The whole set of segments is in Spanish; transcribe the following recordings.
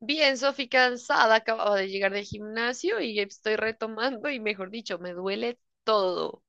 Bien, Sofi, cansada, acababa de llegar del gimnasio y estoy retomando y mejor dicho, me duele todo.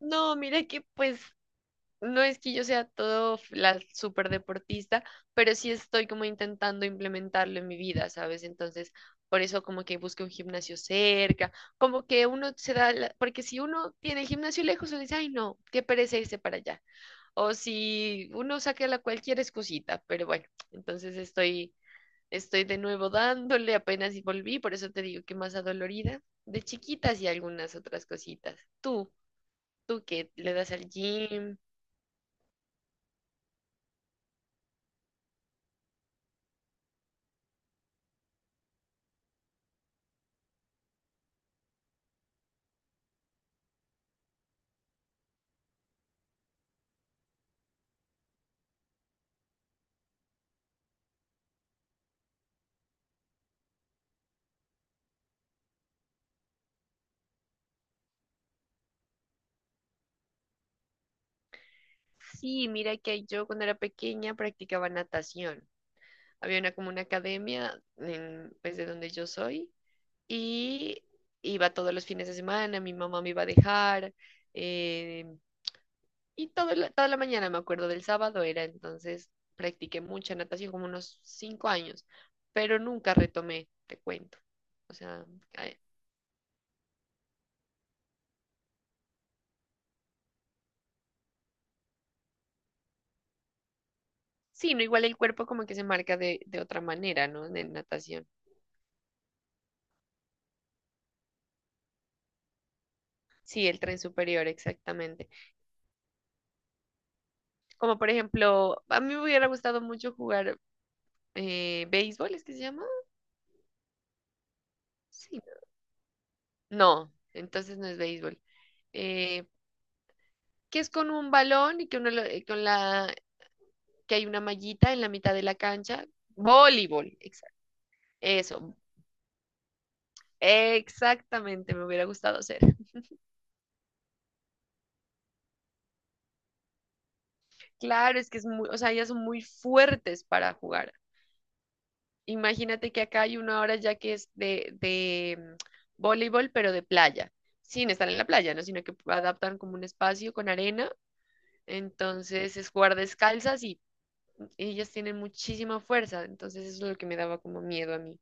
No, mira que pues no es que yo sea la super deportista, pero sí estoy como intentando implementarlo en mi vida, ¿sabes? Entonces, por eso como que busco un gimnasio cerca, como que uno se da, porque si uno tiene el gimnasio lejos, uno dice, ay no, qué pereza irse para allá. O si uno saca la cualquier excusita, pero bueno, entonces estoy de nuevo dándole, apenas y volví, por eso te digo que más adolorida, de chiquitas y algunas otras cositas. Tú que le das al gym. Sí, mira que yo cuando era pequeña practicaba natación. Había una como una academia en, pues de donde yo soy y iba todos los fines de semana, mi mamá me iba a dejar, eh, y toda la mañana, me acuerdo del sábado era, entonces practiqué mucha natación, como unos 5 años, pero nunca retomé, te cuento. O sea, eh, sí, no igual el cuerpo como que se marca de otra manera, ¿no? De natación. Sí, el tren superior, exactamente. Como por ejemplo, a mí me hubiera gustado mucho jugar béisbol, ¿es que se llama? Sí. No, entonces no es béisbol. Eh, que es con un balón y que uno con la, que hay una mallita en la mitad de la cancha. Voleibol, exacto. Eso, exactamente, me hubiera gustado hacer. Claro, es que es muy, o sea, ellas son muy fuertes para jugar. Imagínate que acá hay una hora ya que es voleibol, pero de playa, sin estar en la playa, ¿no? Sino que adaptan como un espacio con arena. Entonces es jugar descalzas y ellas tienen muchísima fuerza. Entonces eso es lo que me daba como miedo a mí.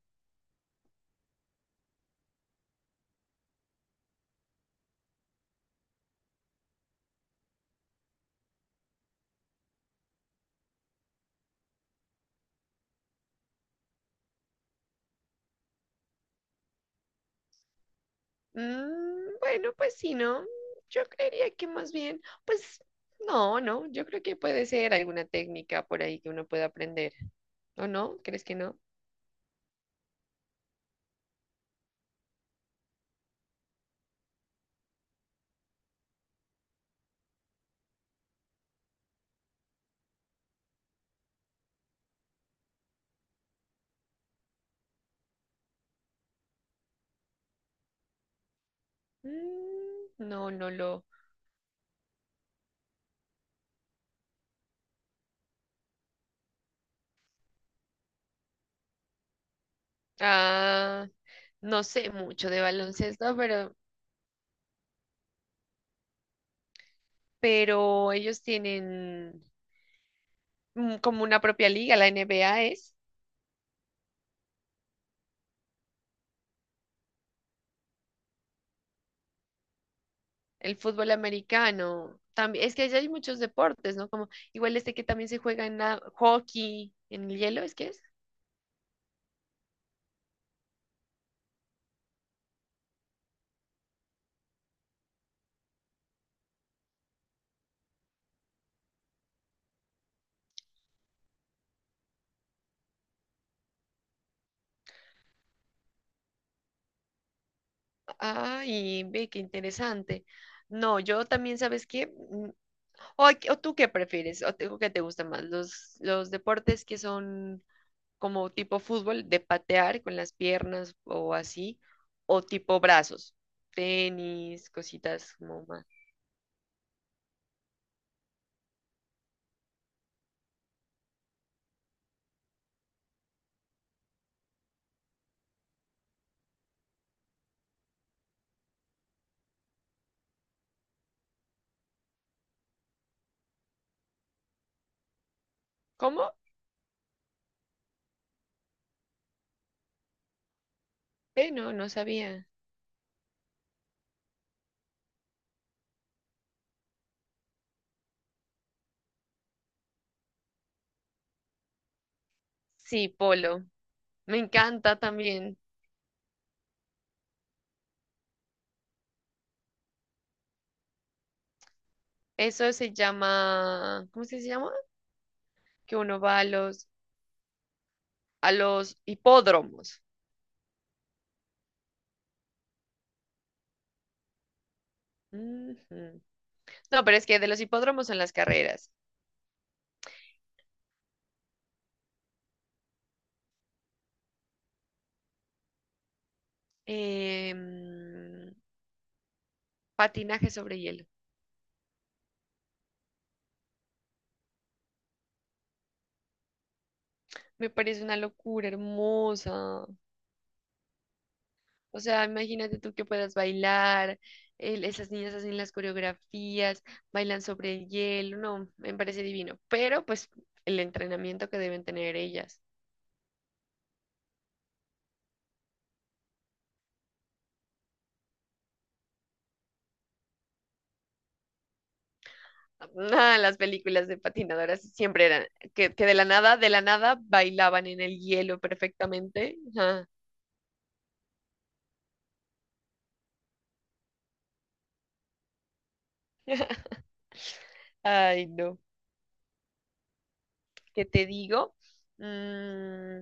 Mm, bueno, pues sí, ¿no? Yo creería que más bien, pues no, no, yo creo que puede ser alguna técnica por ahí que uno pueda aprender, ¿o no? ¿Crees que no? Mm, no, no lo. Ah, no sé mucho de baloncesto, pero ellos tienen como una propia liga, la NBA es el fútbol americano. También, es que allá hay muchos deportes, ¿no? Como igual este que también se juega hockey, en el hielo, ¿es que es? Ay, ve, qué interesante. No, yo también, ¿sabes qué? ¿O tú qué prefieres? ¿O qué te gusta más? ¿Los deportes que son como tipo fútbol, de patear con las piernas o así? ¿O tipo brazos? Tenis, cositas como más. ¿Cómo? No, no sabía. Sí, polo. Me encanta también. Eso se llama, ¿cómo es que se llama? Que uno va a los hipódromos. Ujú. No, pero es que de los hipódromos son las carreras. Em, Patinaje sobre hielo. Me parece una locura hermosa. O sea, imagínate tú que puedas bailar, esas niñas hacen las coreografías, bailan sobre el hielo. No, me parece divino. Pero pues el entrenamiento que deben tener ellas. Nada, las películas de patinadoras siempre eran que de la nada bailaban en el hielo perfectamente. Ajá. Ay, no. ¿Qué te digo? Mm,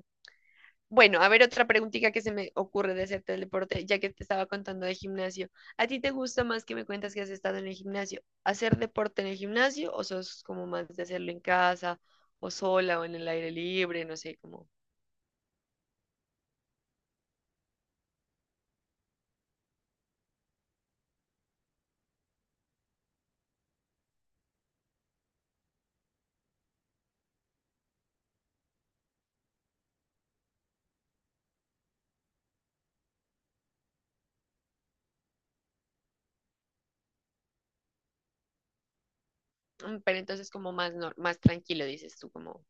Bueno, a ver otra preguntita que se me ocurre de hacerte del deporte, ya que te estaba contando de gimnasio. ¿A ti te gusta más que me cuentas que has estado en el gimnasio? ¿Hacer deporte en el gimnasio o sos como más de hacerlo en casa o sola o en el aire libre? No sé, como... Pero entonces como más, más tranquilo, dices tú, como...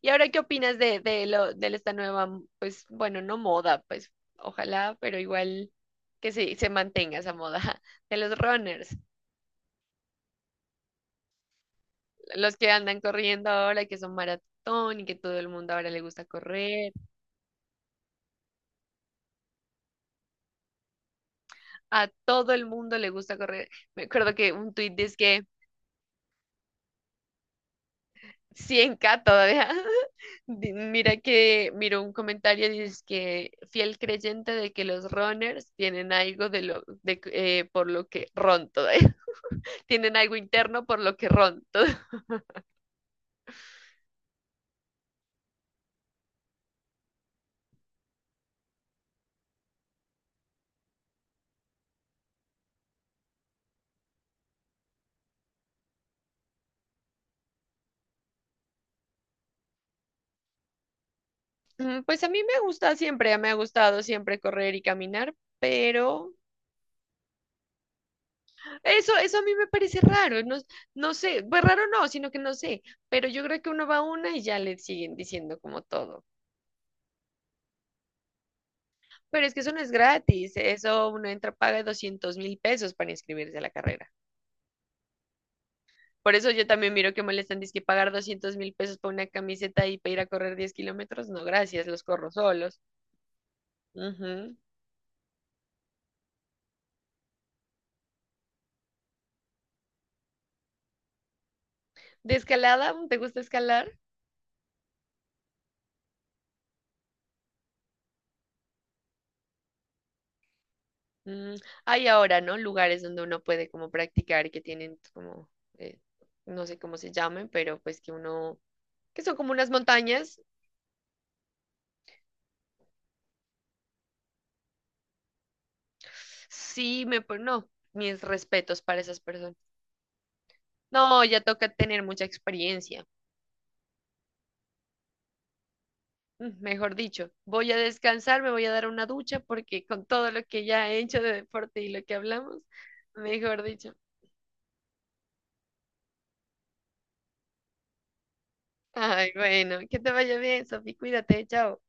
¿Y ahora qué opinas de esta nueva, pues bueno, no moda, pues ojalá, pero igual que se mantenga esa moda de los runners? Los que andan corriendo ahora, y que son maratón y que todo el mundo ahora le gusta correr. A todo el mundo le gusta correr. Me acuerdo que un tuit dice que 100K todavía. Mira que, miro un comentario, dice que fiel creyente de que los runners tienen algo de lo, de, que- por lo que ron todavía. Tienen algo interno por lo que ron todo. Pues a mí me gusta siempre, me ha gustado siempre correr y caminar, pero eso a mí me parece raro, no, no sé, pues raro no, sino que no sé, pero yo creo que uno va a una y ya le siguen diciendo como todo. Pero es que eso no es gratis, eso uno entra, paga 200.000 pesos para inscribirse a la carrera. Por eso yo también miro que molestan, dice que pagar 200.000 pesos para una camiseta y para ir a correr 10 kilómetros, no, gracias, los corro solos. Ujú. ¿De escalada? ¿Te gusta escalar? Mm, Hay ahora, ¿no? Lugares donde uno puede como practicar y que tienen como, eh, no sé cómo se llamen, pero pues que son como unas montañas. Sí, no, mis respetos para esas personas. No, ya toca tener mucha experiencia. Mejor dicho, voy a descansar, me voy a dar una ducha porque con todo lo que ya he hecho de deporte y lo que hablamos, mejor dicho. Ay, bueno, que te vaya bien, Sofi, cuídate, chao.